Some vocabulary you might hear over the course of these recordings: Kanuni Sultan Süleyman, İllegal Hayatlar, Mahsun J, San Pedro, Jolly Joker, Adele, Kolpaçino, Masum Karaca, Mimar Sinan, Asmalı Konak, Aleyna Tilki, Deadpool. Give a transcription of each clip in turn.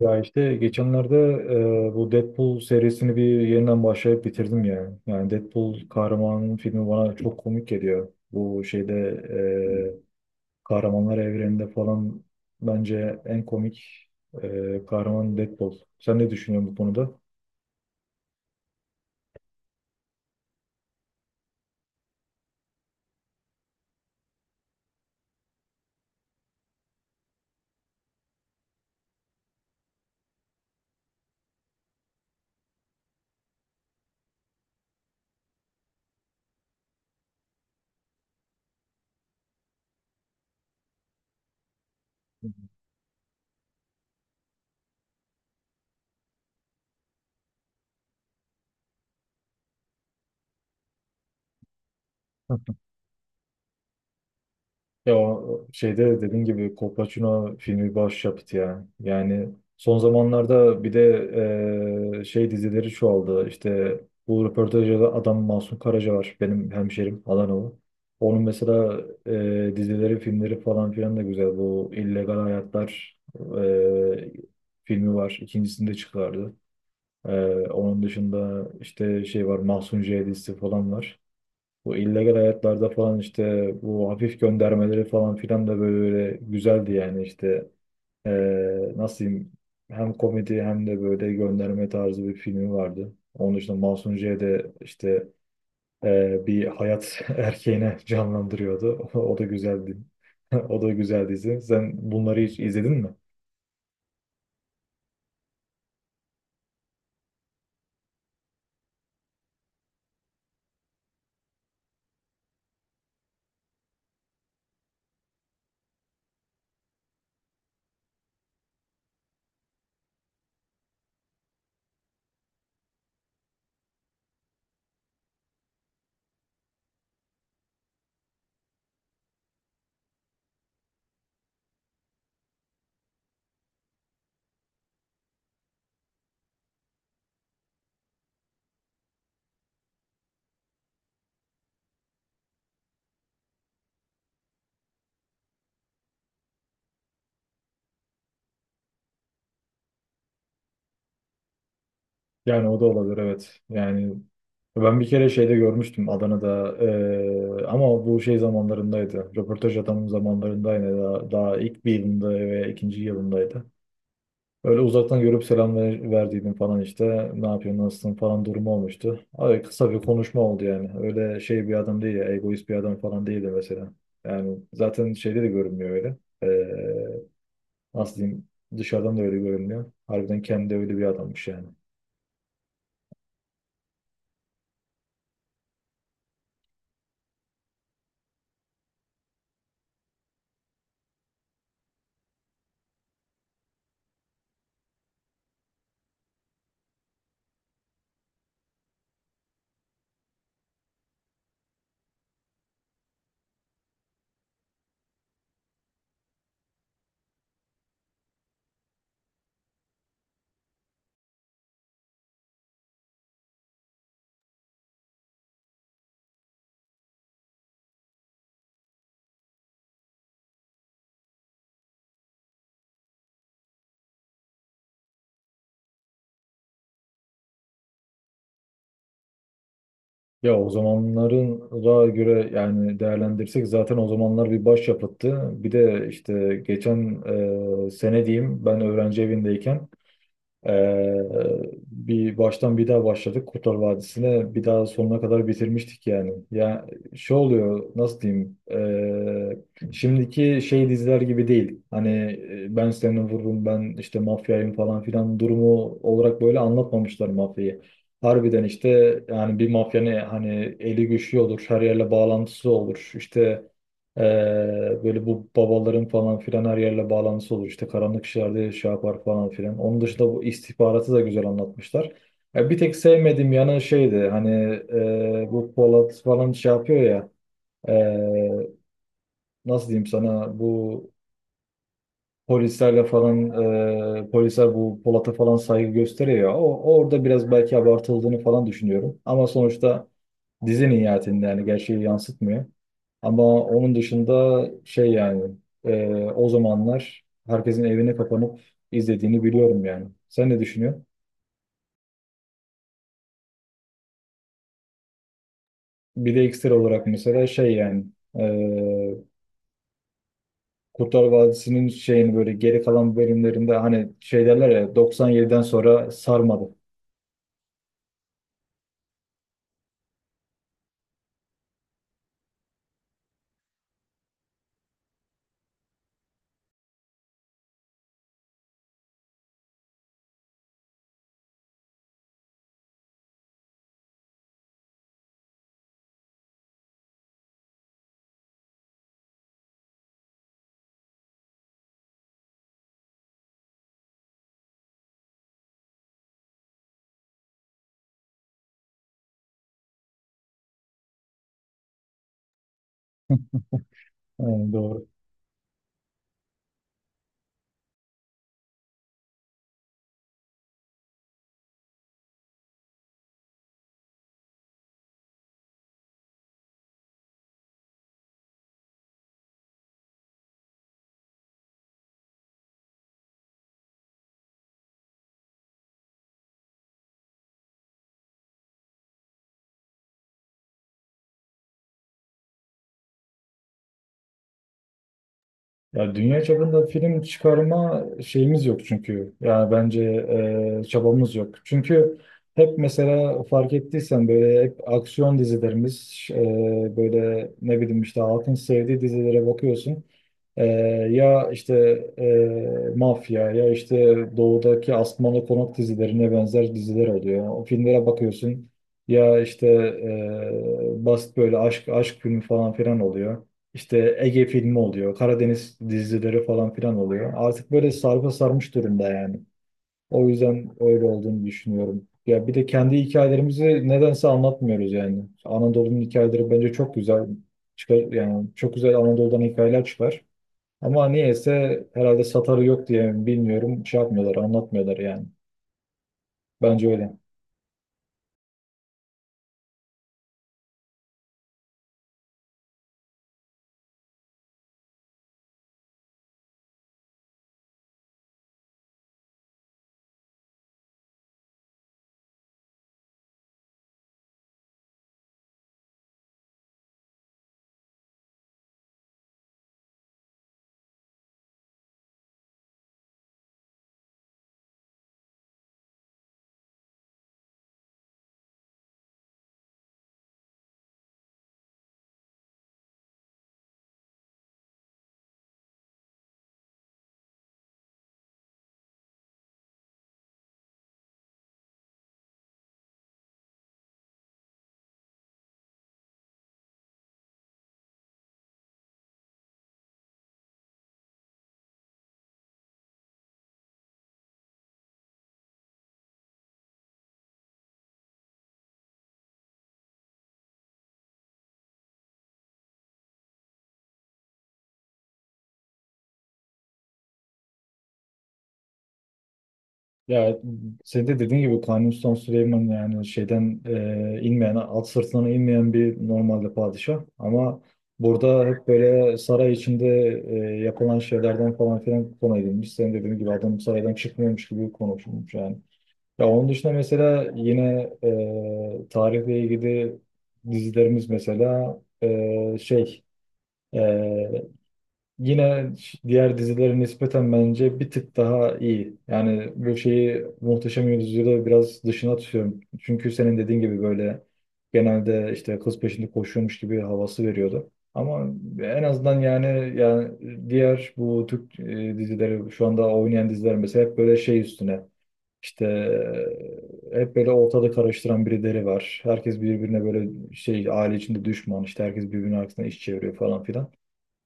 Ya işte geçenlerde bu Deadpool serisini bir yeniden başlayıp bitirdim yani. Yani Deadpool kahramanın filmi bana çok komik geliyor. Bu şeyde e, kahramanlar evreninde falan bence en komik kahraman Deadpool. Sen ne düşünüyorsun bu konuda? Ya o şeyde dediğim gibi Kolpaçino filmi başyapıt ya. Yani son zamanlarda bir de şey dizileri çoğaldı. İşte bu röportajda adam Masum Karaca var. Benim hemşerim Adanalı. Onun mesela dizileri, filmleri falan filan da güzel. Bu İllegal Hayatlar eee, filmi var. İkincisini de çıkardı. Onun dışında işte şey var Mahsun J dizisi falan var. Bu illegal hayatlarda falan işte bu hafif göndermeleri falan filan da böyle güzeldi yani işte nasıl diyeyim hem komedi hem de böyle gönderme tarzı bir filmi vardı. Onun dışında Mahsun J de işte bir hayat erkeğine canlandırıyordu. O da güzeldi. O da güzel dizi. Sen bunları hiç izledin mi? Yani o da olabilir, evet. Yani ben bir kere şeyde görmüştüm Adana'da ama bu şey zamanlarındaydı. Röportaj adamın zamanlarındaydı. Daha ilk bir yılında veya ikinci yılındaydı. Öyle uzaktan görüp selam verdiydim falan işte. Ne yapıyorsun nasılsın falan durumu olmuştu. Abi kısa bir konuşma oldu yani. Öyle şey bir adam değil ya, egoist bir adam falan değildi mesela. Yani zaten şeyde de görünmüyor öyle. Eee Nasıl diyeyim, dışarıdan da öyle görünmüyor. Harbiden kendi öyle bir adammış yani. Ya o zamanların da göre yani değerlendirsek zaten o zamanlar bir başyapıttı. Bir de işte geçen sene diyeyim, ben öğrenci evindeyken Ee, bir baştan bir daha başladık Kurtlar Vadisi'ne, bir daha sonuna kadar bitirmiştik yani. Ya şey oluyor, nasıl diyeyim, şimdiki şey diziler gibi değil. Hani ben seni vururum, ben işte mafyayım falan filan durumu olarak böyle anlatmamışlar mafyayı. Harbiden işte yani bir mafyanın hani eli güçlü olur, her yerle bağlantısı olur, işte ee, böyle bu babaların falan filan her yerle bağlantısı olur. İşte karanlık işlerde şey yapar falan filan. Onun dışında bu istihbaratı da güzel anlatmışlar. Ya bir tek sevmediğim yanı şeydi, hani bu Polat falan şey yapıyor ya, e, nasıl diyeyim sana, bu polislerle falan polisler bu Polat'a falan saygı gösteriyor. Orada biraz belki abartıldığını falan düşünüyorum. Ama sonuçta dizinin nihayetinde yani gerçeği yansıtmıyor. Ama onun dışında şey yani, e, o zamanlar herkesin evine kapanıp izlediğini biliyorum yani. Sen ne düşünüyorsun? Bir de ekstra olarak mesela şey yani, e, Kurtlar Vadisi'nin şeyini, böyle geri kalan bölümlerinde, hani şey derler ya, 97'den sonra sarmadı. Yani doğru. Ya dünya çapında film çıkarma şeyimiz yok çünkü. Yani bence çabamız yok. Çünkü hep mesela fark ettiysen böyle hep aksiyon dizilerimiz, böyle ne bileyim işte halkın sevdiği dizilere bakıyorsun. E, Ya işte mafya ya işte doğudaki Asmalı Konak dizilerine benzer diziler oluyor. O filmlere bakıyorsun, ya işte basit böyle aşk filmi falan filan oluyor. İşte Ege filmi oluyor, Karadeniz dizileri falan filan oluyor. Artık böyle sarpa sarmış durumda yani. O yüzden öyle olduğunu düşünüyorum. Ya bir de kendi hikayelerimizi nedense anlatmıyoruz yani. Anadolu'nun hikayeleri bence çok güzel çıkar yani, çok güzel Anadolu'dan hikayeler çıkar. Ama niyeyse herhalde satarı yok diye mi bilmiyorum, şey yapmıyorlar, anlatmıyorlar yani. Bence öyle. Ya senin de dediğin gibi Kanuni Sultan Süleyman yani şeyden inmeyen, at sırtına inmeyen bir normalde padişah. Ama burada hep böyle saray içinde e, yapılan şeylerden falan filan konu edilmiş. Senin dediğin gibi adam saraydan çıkmıyormuş gibi konuşulmuş yani. Ya onun dışında mesela yine tarihle ilgili dizilerimiz mesela şey, yine diğer dizilere nispeten bence bir tık daha iyi. Yani bu şeyi, Muhteşem Yüzyıl'ı biraz dışına tutuyorum. Çünkü senin dediğin gibi böyle genelde işte kız peşinde koşuyormuş gibi havası veriyordu. Ama en azından yani diğer bu Türk dizileri, şu anda oynayan diziler mesela, hep böyle şey üstüne işte hep böyle ortada karıştıran birileri var. Herkes birbirine böyle şey, aile içinde düşman işte, herkes birbirinin arkasından iş çeviriyor falan filan.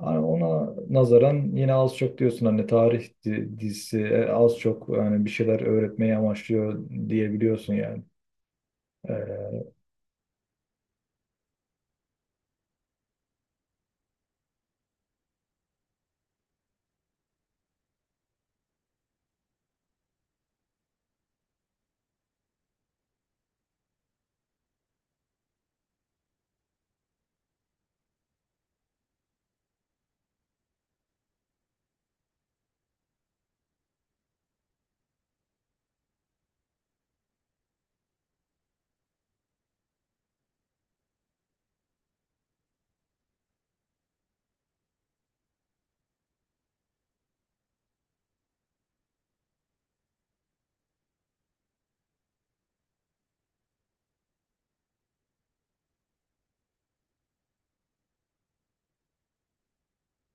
Yani ona nazaran yine az çok diyorsun hani tarih dizisi az çok yani bir şeyler öğretmeyi amaçlıyor diyebiliyorsun yani. Ee,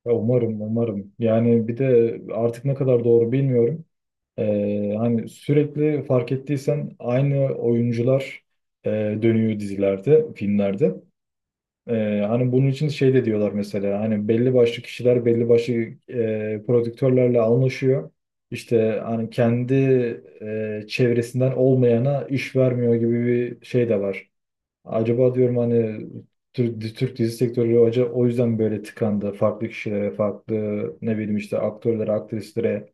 Umarım umarım. Yani bir de artık ne kadar doğru bilmiyorum. Hani sürekli fark ettiysen aynı oyuncular e, dönüyor dizilerde, filmlerde. Hani bunun için şey de diyorlar, mesela hani belli başlı kişiler belli başlı prodüktörlerle anlaşıyor. İşte hani kendi çevresinden olmayana iş vermiyor gibi bir şey de var. Acaba diyorum hani Türk dizi sektörü hoca o yüzden böyle tıkandı. Farklı kişilere, farklı ne bileyim işte aktörlere, aktrislere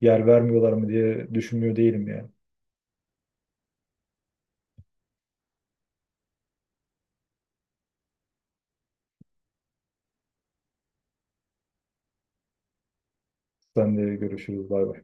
yer vermiyorlar mı diye düşünmüyor değilim ya. Sen de görüşürüz. Bay bay.